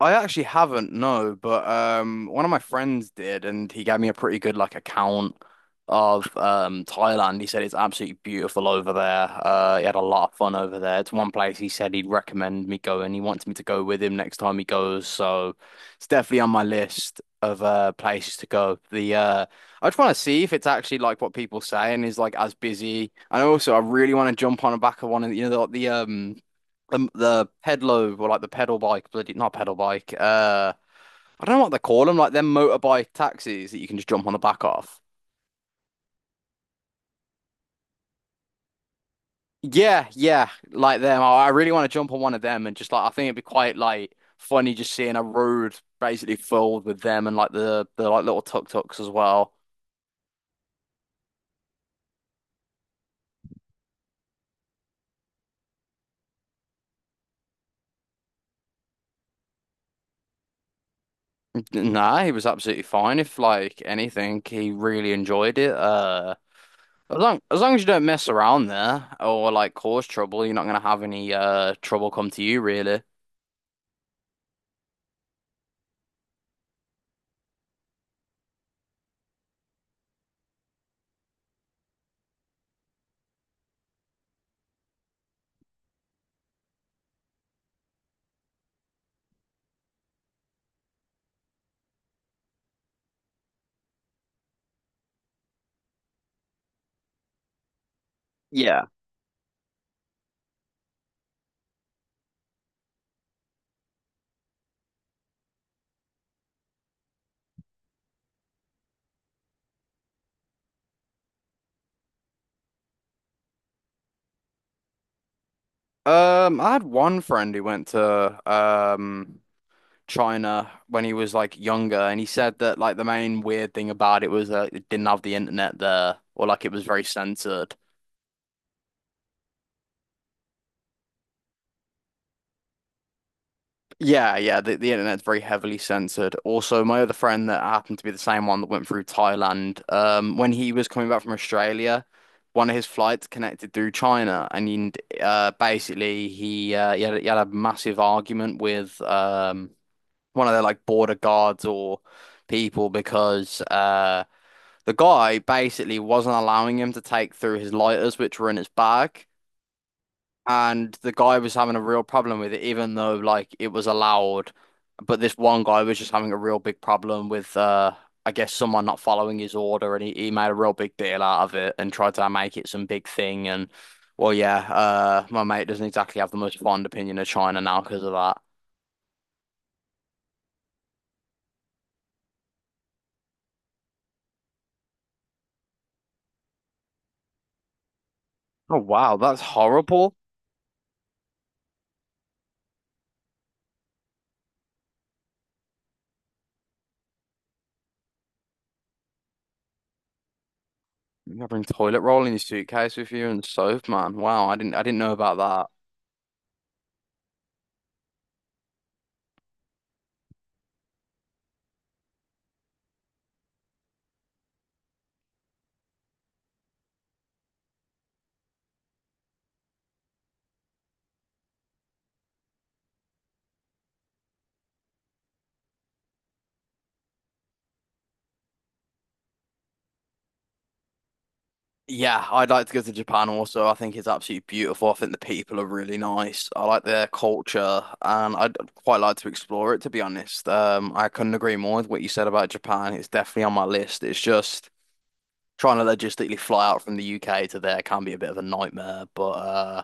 I actually haven't, no, but one of my friends did and he gave me a pretty good like account of Thailand. He said it's absolutely beautiful over there. He had a lot of fun over there. It's one place he said he'd recommend me going. He wants me to go with him next time he goes, so it's definitely on my list of places to go. The I just want to see if it's actually like what people say and is like as busy. And also I really want to jump on the back of one of the- you know the pedalo or like the pedal bike, bloody not pedal bike. I don't know what they call them, like them motorbike taxis that you can just jump on the back of. Yeah, yeah, like them. I really want to jump on one of them and just like I think it'd be quite like funny just seeing a road basically filled with them and like the like little tuk-tuks as well. Nah, he was absolutely fine. If like anything, he really enjoyed it. As long as you don't mess around there or like cause trouble, you're not gonna have any trouble come to you really. Yeah. I had one friend who went to China when he was like younger, and he said that like the main weird thing about it was that it didn't have the internet there, or like it was very censored. Yeah, yeah, the internet's very heavily censored. Also, my other friend that happened to be the same one that went through Thailand, when he was coming back from Australia, one of his flights connected through China, and he, basically he had a massive argument with one of their like border guards or people because the guy basically wasn't allowing him to take through his lighters which were in his bag, and the guy was having a real problem with it even though like it was allowed, but this one guy was just having a real big problem with I guess someone not following his order, and he made a real big deal out of it and tried to make it some big thing. And well, yeah, my mate doesn't exactly have the most fond opinion of China now because of that. Oh wow, that's horrible. You gotta toilet roll in your suitcase with you and soap, man. Wow, I didn't know about that. Yeah, I'd like to go to Japan also. I think it's absolutely beautiful. I think the people are really nice. I like their culture and I'd quite like to explore it, to be honest. I couldn't agree more with what you said about Japan. It's definitely on my list. It's just trying to logistically fly out from the UK to there can be a bit of a nightmare, but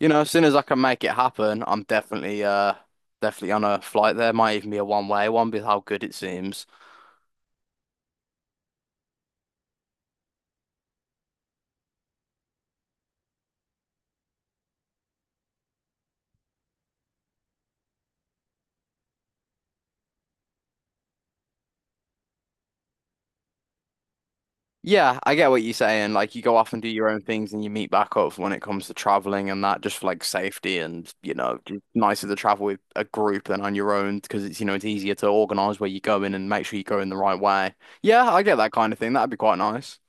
you know, as soon as I can make it happen, I'm definitely definitely on a flight there. Might even be a one way one with how good it seems. Yeah, I get what you're saying. Like you go off and do your own things and you meet back up when it comes to traveling, and that just for like safety and you know, just nicer to travel with a group than on your own because it's, you know, it's easier to organize where you're going and make sure you go in the right way. Yeah, I get that kind of thing. That'd be quite nice.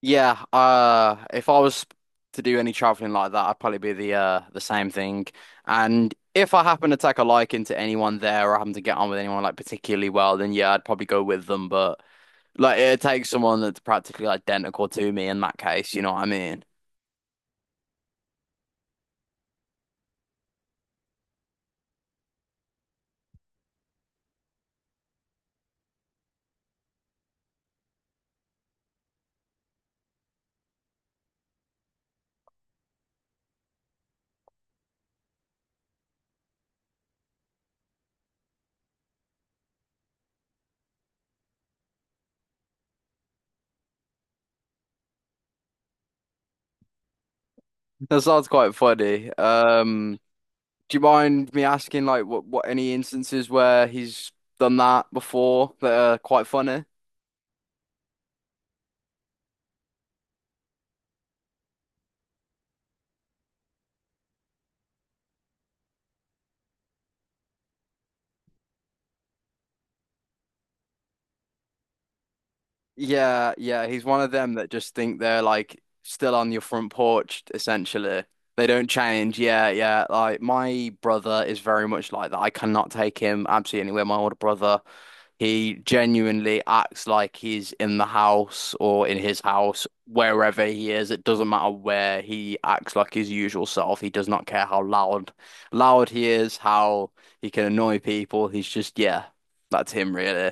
Yeah, if I was to do any traveling like that, I'd probably be the same thing. And if I happen to take a liking to anyone there or happen to get on with anyone like particularly well, then yeah, I'd probably go with them, but like it takes someone that's practically identical to me in that case, you know what I mean? That sounds quite funny. Do you mind me asking like what any instances where he's done that before that are quite funny? Yeah, yeah, he's one of them that just think they're like still on your front porch, essentially. They don't change. Yeah, yeah. Like my brother is very much like that. I cannot take him absolutely anywhere. My older brother. He genuinely acts like he's in the house or in his house, wherever he is. It doesn't matter where. He acts like his usual self. He does not care how loud he is, how he can annoy people. He's just, yeah, that's him really.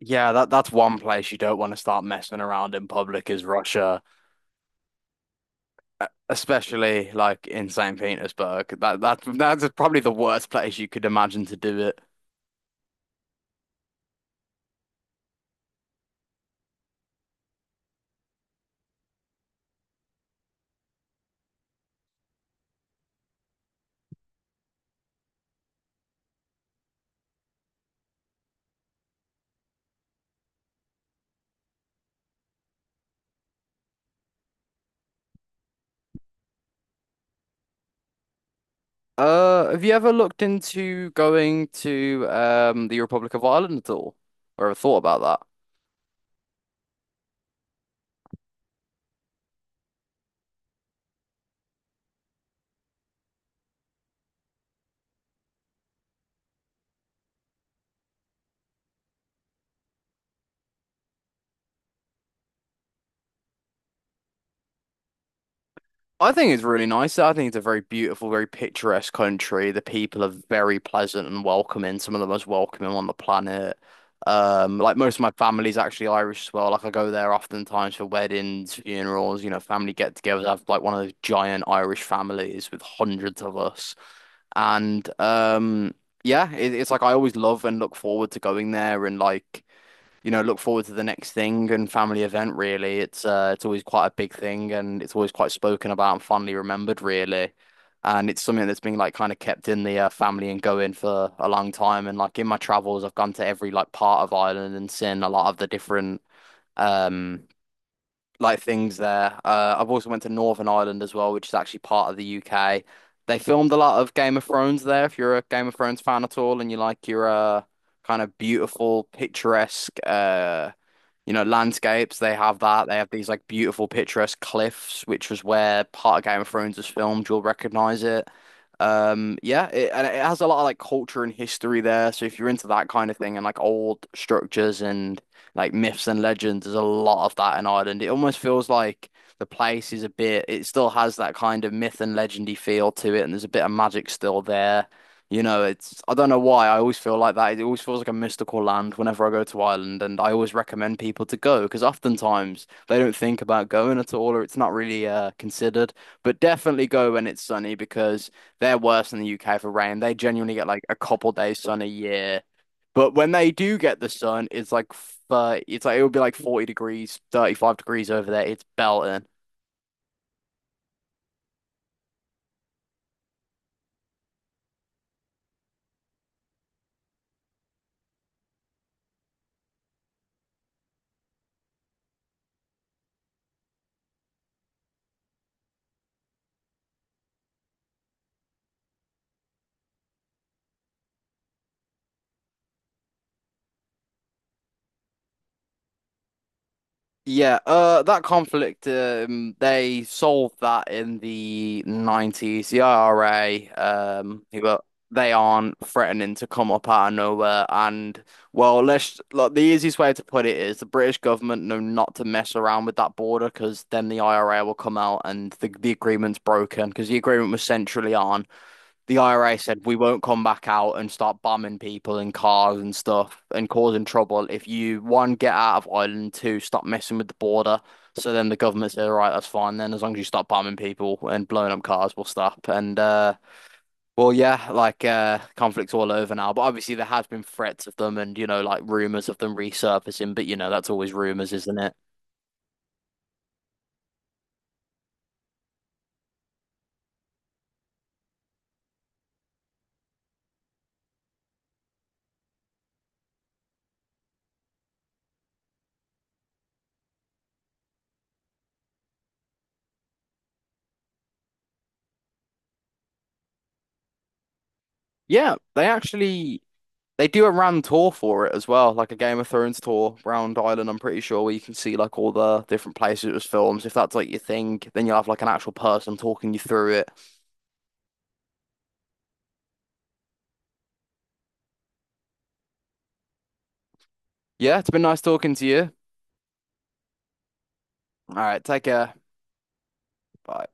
Yeah, that that's one place you don't want to start messing around in public is Russia, especially like in St. Petersburg. That's probably the worst place you could imagine to do it. Have you ever looked into going to the Republic of Ireland at all? Or ever thought about that? I think it's really nice. I think it's a very beautiful, very picturesque country. The people are very pleasant and welcoming, some of the most welcoming on the planet. Like most of my family's actually Irish as well. Like I go there oftentimes for weddings, funerals, you know, family get-togethers. I have like one of those giant Irish families with hundreds of us. And yeah, it, it's like I always love and look forward to going there and like you know, look forward to the next thing and family event, really. It's always quite a big thing and it's always quite spoken about and fondly remembered, really. And it's something that's been like kind of kept in the family and going for a long time. And like in my travels, I've gone to every like part of Ireland and seen a lot of the different um like things there. I've also went to Northern Ireland as well, which is actually part of the UK. They filmed a lot of Game of Thrones there. If you're a Game of Thrones fan at all, and you like your kind of beautiful, picturesque, you know, landscapes. They have that. They have these like beautiful picturesque cliffs, which was where part of Game of Thrones was filmed. You'll recognize it. Yeah, it, and it has a lot of like culture and history there. So if you're into that kind of thing and like old structures and like myths and legends, there's a lot of that in Ireland. It almost feels like the place is a bit, it still has that kind of myth and legendy feel to it, and there's a bit of magic still there. You know, it's I don't know why I always feel like that. It always feels like a mystical land whenever I go to Ireland, and I always recommend people to go because oftentimes they don't think about going at all, or it's not really considered. But definitely go when it's sunny because they're worse than the UK for rain. They genuinely get like a couple days sun a year, but when they do get the sun, it's like 30, it's like it would be like 40 degrees, 35 degrees over there. It's belting. Yeah, that conflict, they solved that in the 90s. The IRA, who are- they aren't threatening to come up out of nowhere. And, well, let's, like, the easiest way to put it is the British government know not to mess around with that border because then the IRA will come out and the agreement's broken because the agreement was centrally on the IRA said we won't come back out and start bombing people and cars and stuff and causing trouble if you one get out of Ireland, two stop messing with the border. So then the government said, all right, that's fine. Then as long as you stop bombing people and blowing up cars, we'll stop. And well, yeah, like conflict's all over now. But obviously there has been threats of them and you know like rumors of them resurfacing. But you know that's always rumors, isn't it? Yeah, they actually they do a round tour for it as well, like a Game of Thrones tour round Ireland, I'm pretty sure, where you can see like all the different places it was filmed. If that's like your thing, then you'll have like an actual person talking you through it. Yeah, it's been nice talking to you. All right, take care. Bye.